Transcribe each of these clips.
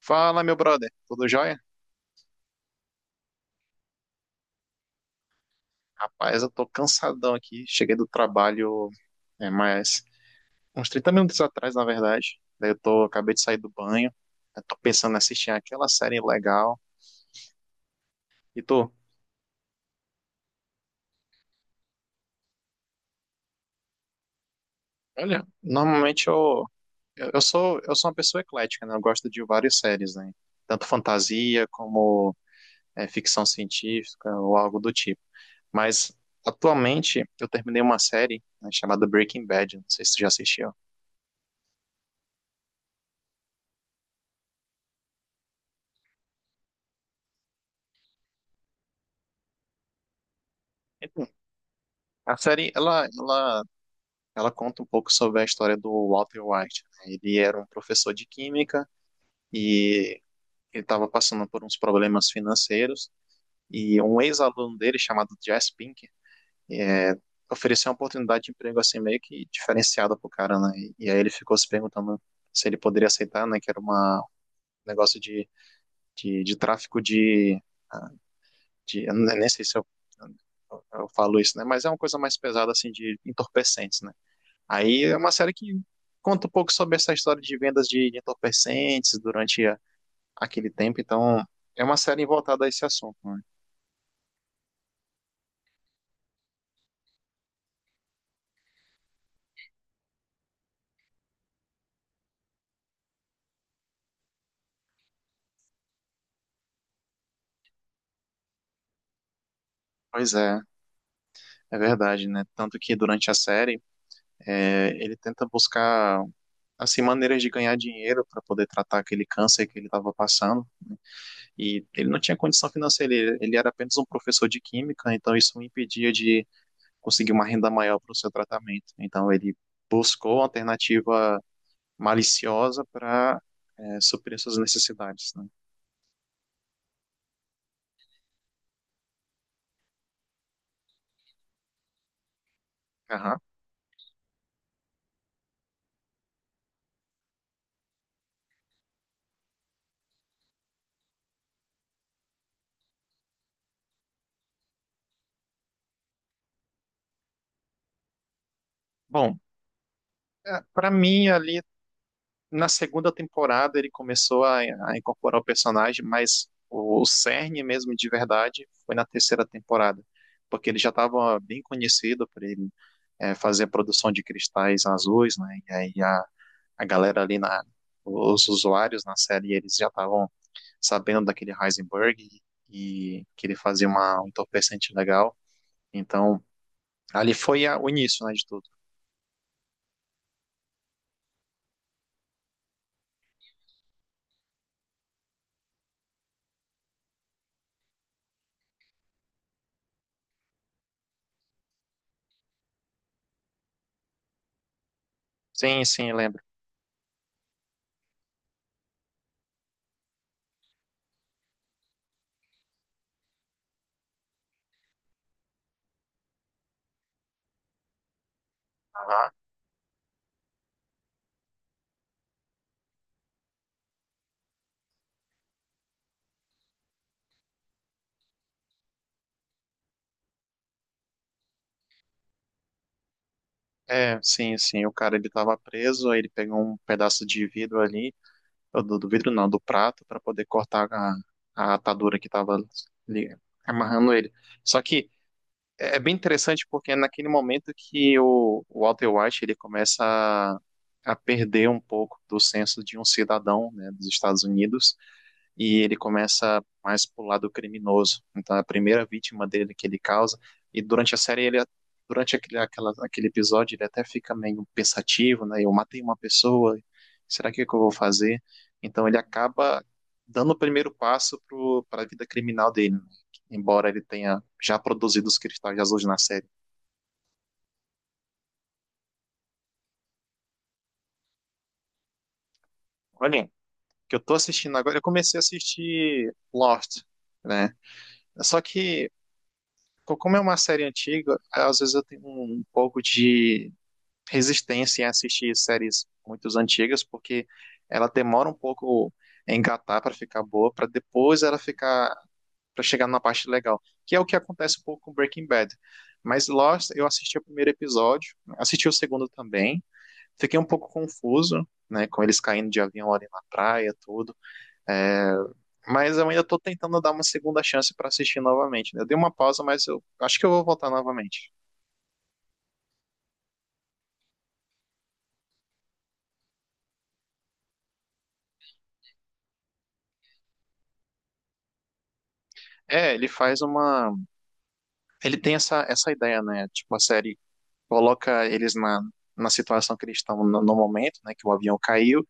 Fala, meu brother, tudo jóia? Rapaz, eu tô cansadão aqui. Cheguei do trabalho, mais uns 30 minutos atrás, na verdade. Daí eu tô, acabei de sair do banho. Eu tô pensando em assistir aquela série legal. E tu? Olha, normalmente eu sou uma pessoa eclética, né? Eu gosto de várias séries, né? Tanto fantasia como ficção científica ou algo do tipo. Mas atualmente eu terminei uma série, né, chamada Breaking Bad. Não sei se tu já assistiu. A série, ela conta um pouco sobre a história do Walter White, né? Ele era um professor de química e ele estava passando por uns problemas financeiros e um ex-aluno dele, chamado Jess Pink, é, ofereceu uma oportunidade de emprego assim meio que diferenciada pro cara, né? E aí ele ficou se perguntando se ele poderia aceitar, né? Que era uma, um negócio de, tráfico de, ah, de... Eu nem sei se eu, eu falo isso, né? Mas é uma coisa mais pesada, assim, de entorpecentes, né? Aí é uma série que conta um pouco sobre essa história de vendas de entorpecentes durante aquele tempo, então é uma série voltada a esse assunto, né? Pois é, é verdade, né? Tanto que durante a série ele tenta buscar assim maneiras de ganhar dinheiro para poder tratar aquele câncer que ele estava passando e ele não tinha condição financeira, ele era apenas um professor de química, então isso o impedia de conseguir uma renda maior para o seu tratamento. Então ele buscou alternativa maliciosa para suprir suas necessidades, né? Aham. Bom, para mim ali na segunda temporada ele começou a incorporar o personagem, mas o cerne mesmo de verdade foi na terceira temporada, porque ele já estava bem conhecido por ele fazer a produção de cristais azuis, né? E aí a galera ali na os usuários na série eles já estavam sabendo daquele Heisenberg e que ele fazia uma, um entorpecente legal. Então, ali foi o início, né, de tudo. Sim, sim, lembro. Aham. É, sim, sim. O cara ele tava preso, aí ele pegou um pedaço de vidro ali, ou do, do vidro não, do prato, para poder cortar a atadura que tava ali, amarrando ele. Só que é bem interessante porque é naquele momento que o Walter White ele começa a perder um pouco do senso de um cidadão, né, dos Estados Unidos e ele começa mais pro lado criminoso. Então, é a primeira vítima dele que ele causa, e durante a série, ele, durante aquele, aquela, aquele episódio, ele até fica meio pensativo, né? Eu matei uma pessoa, será que é que eu vou fazer? Então, ele acaba dando o primeiro passo para a vida criminal dele, né? Embora ele tenha já produzido os cristais azuis na série. Olha, que eu tô assistindo agora, eu comecei a assistir Lost, né? Só que como é uma série antiga, às vezes eu tenho um, um pouco de resistência em assistir séries muito antigas, porque ela demora um pouco a engatar para ficar boa, para depois ela ficar para chegar na parte legal, que é o que acontece um pouco com Breaking Bad. Mas Lost, eu assisti o primeiro episódio, assisti o segundo também, fiquei um pouco confuso, né, com eles caindo de avião ali na praia, tudo. É, mas eu ainda estou tentando dar uma segunda chance para assistir novamente, né? Eu dei uma pausa, mas eu acho que eu vou voltar novamente. É, ele faz uma. Ele tem essa, essa ideia, né? Tipo, a série coloca eles na, na situação que eles estão no, no momento, né? Que o avião caiu,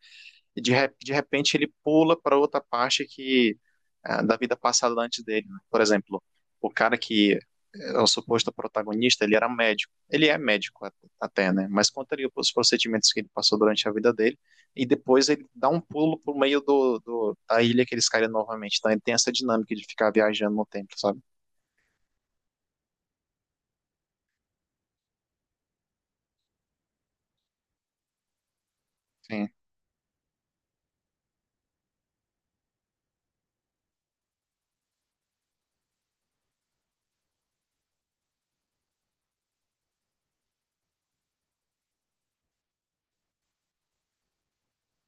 e de, de repente ele pula para outra parte que ah, da vida passada antes dele, né? Por exemplo, o cara que é o suposto protagonista, ele era médico. Ele é médico até, né? Mas conta ali os procedimentos que ele passou durante a vida dele e depois ele dá um pulo pro meio do, da ilha que eles caíram novamente. Então ele tem essa dinâmica de ficar viajando no tempo, sabe? Sim.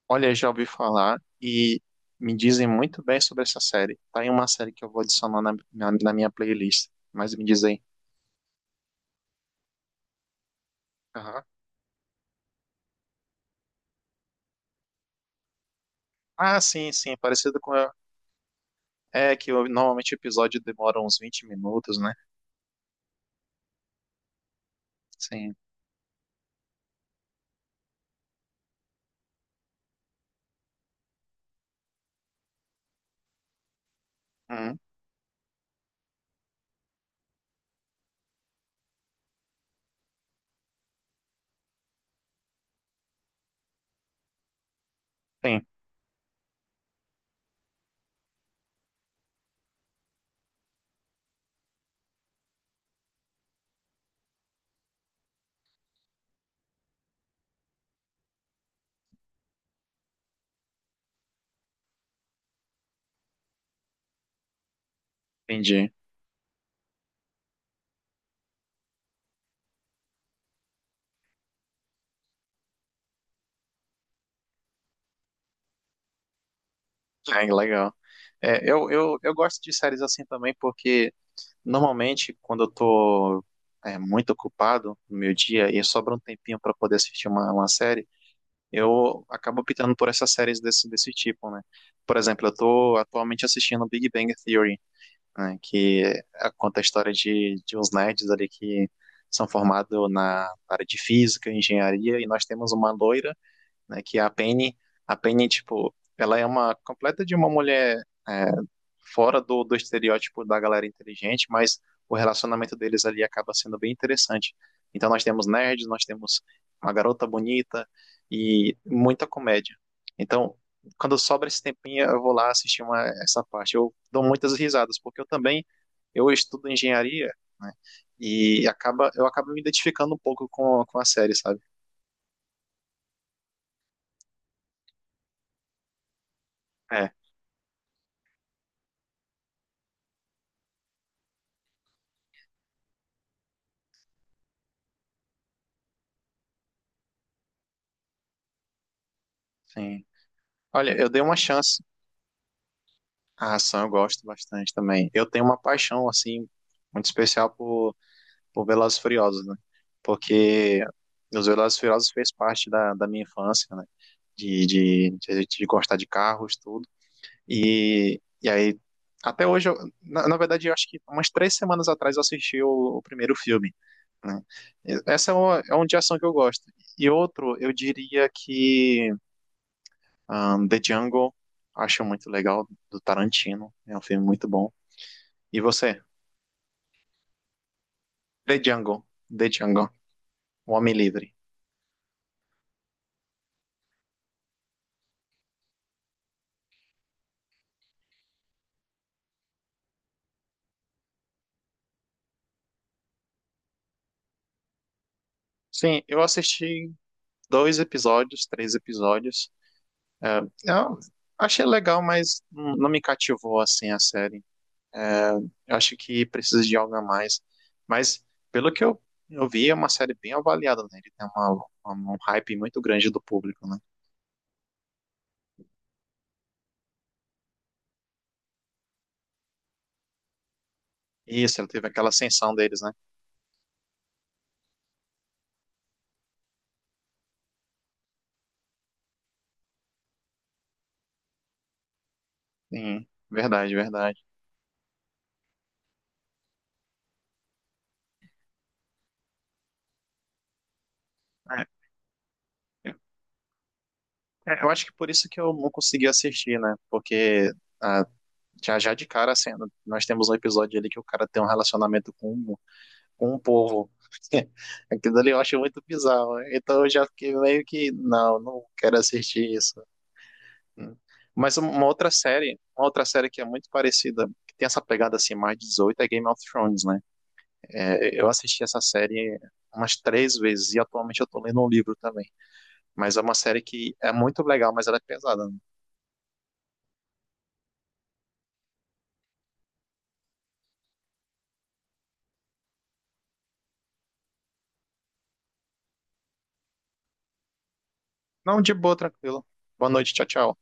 Olha, já ouvi falar e me dizem muito bem sobre essa série. Tá em uma série que eu vou adicionar na, na minha playlist. Mas me diz aí. Aham. Ah, sim, sim, é parecido com a... É que normalmente o episódio demora uns 20 minutos, né? Sim. Hum, sim, entendi. É, legal. É, eu gosto de séries assim também, porque normalmente quando eu tô muito ocupado no meu dia e sobra um tempinho para poder assistir uma série, eu acabo optando por essas séries desse, desse tipo, né? Por exemplo, eu tô atualmente assistindo Big Bang Theory, né, que é, conta a história de uns nerds ali que são formados na área de física, engenharia, e nós temos uma loira, né, que é a Penny. A Penny, tipo, ela é uma completa de uma mulher é, fora do, do estereótipo da galera inteligente, mas o relacionamento deles ali acaba sendo bem interessante. Então nós temos nerds, nós temos uma garota bonita e muita comédia. Então, quando sobra esse tempinho, eu vou lá assistir uma, essa parte. Eu dou muitas risadas, porque eu também eu estudo engenharia, né? E acaba, eu acabo me identificando um pouco com a série, sabe? É, sim. Olha, eu dei uma chance. A ação eu gosto bastante também. Eu tenho uma paixão, assim, muito especial por Velozes e Furiosos, né? Porque os Velozes e Furiosos fez parte da, da minha infância, né? De a gente de gostar de carros, tudo. E aí, até hoje, na, na verdade, eu acho que umas 3 semanas atrás eu assisti o primeiro filme, né? E essa é, uma, é um de ação que eu gosto. E outro, eu diria que The Jungle, acho muito legal, do Tarantino. É um filme muito bom. E você? The Jungle. The Jungle. O Homem Livre. Sim, eu assisti 2 episódios, 3 episódios. É, eu achei legal, mas não me cativou assim a série. Eu acho que precisa de algo a mais. Mas, pelo que eu vi, é uma série bem avaliada, né? Ele tem uma, um hype muito grande do público, né? Isso, ele teve aquela ascensão deles, né? Sim, verdade, verdade. É, eu acho que por isso que eu não consegui assistir, né? Porque ah, já já de cara, assim, nós temos um episódio ali que o cara tem um relacionamento com um com o povo. Aquilo dali eu acho muito bizarro, né? Então eu já fiquei meio que, não, não quero assistir isso. Hum. Mas um, uma outra série que é muito parecida, que tem essa pegada assim, mais 18, é Game of Thrones, né? É, eu assisti essa série umas 3 vezes e atualmente eu tô lendo um livro também. Mas é uma série que é muito legal, mas ela é pesada, né? Não, de boa, tranquilo. Boa noite, tchau, tchau.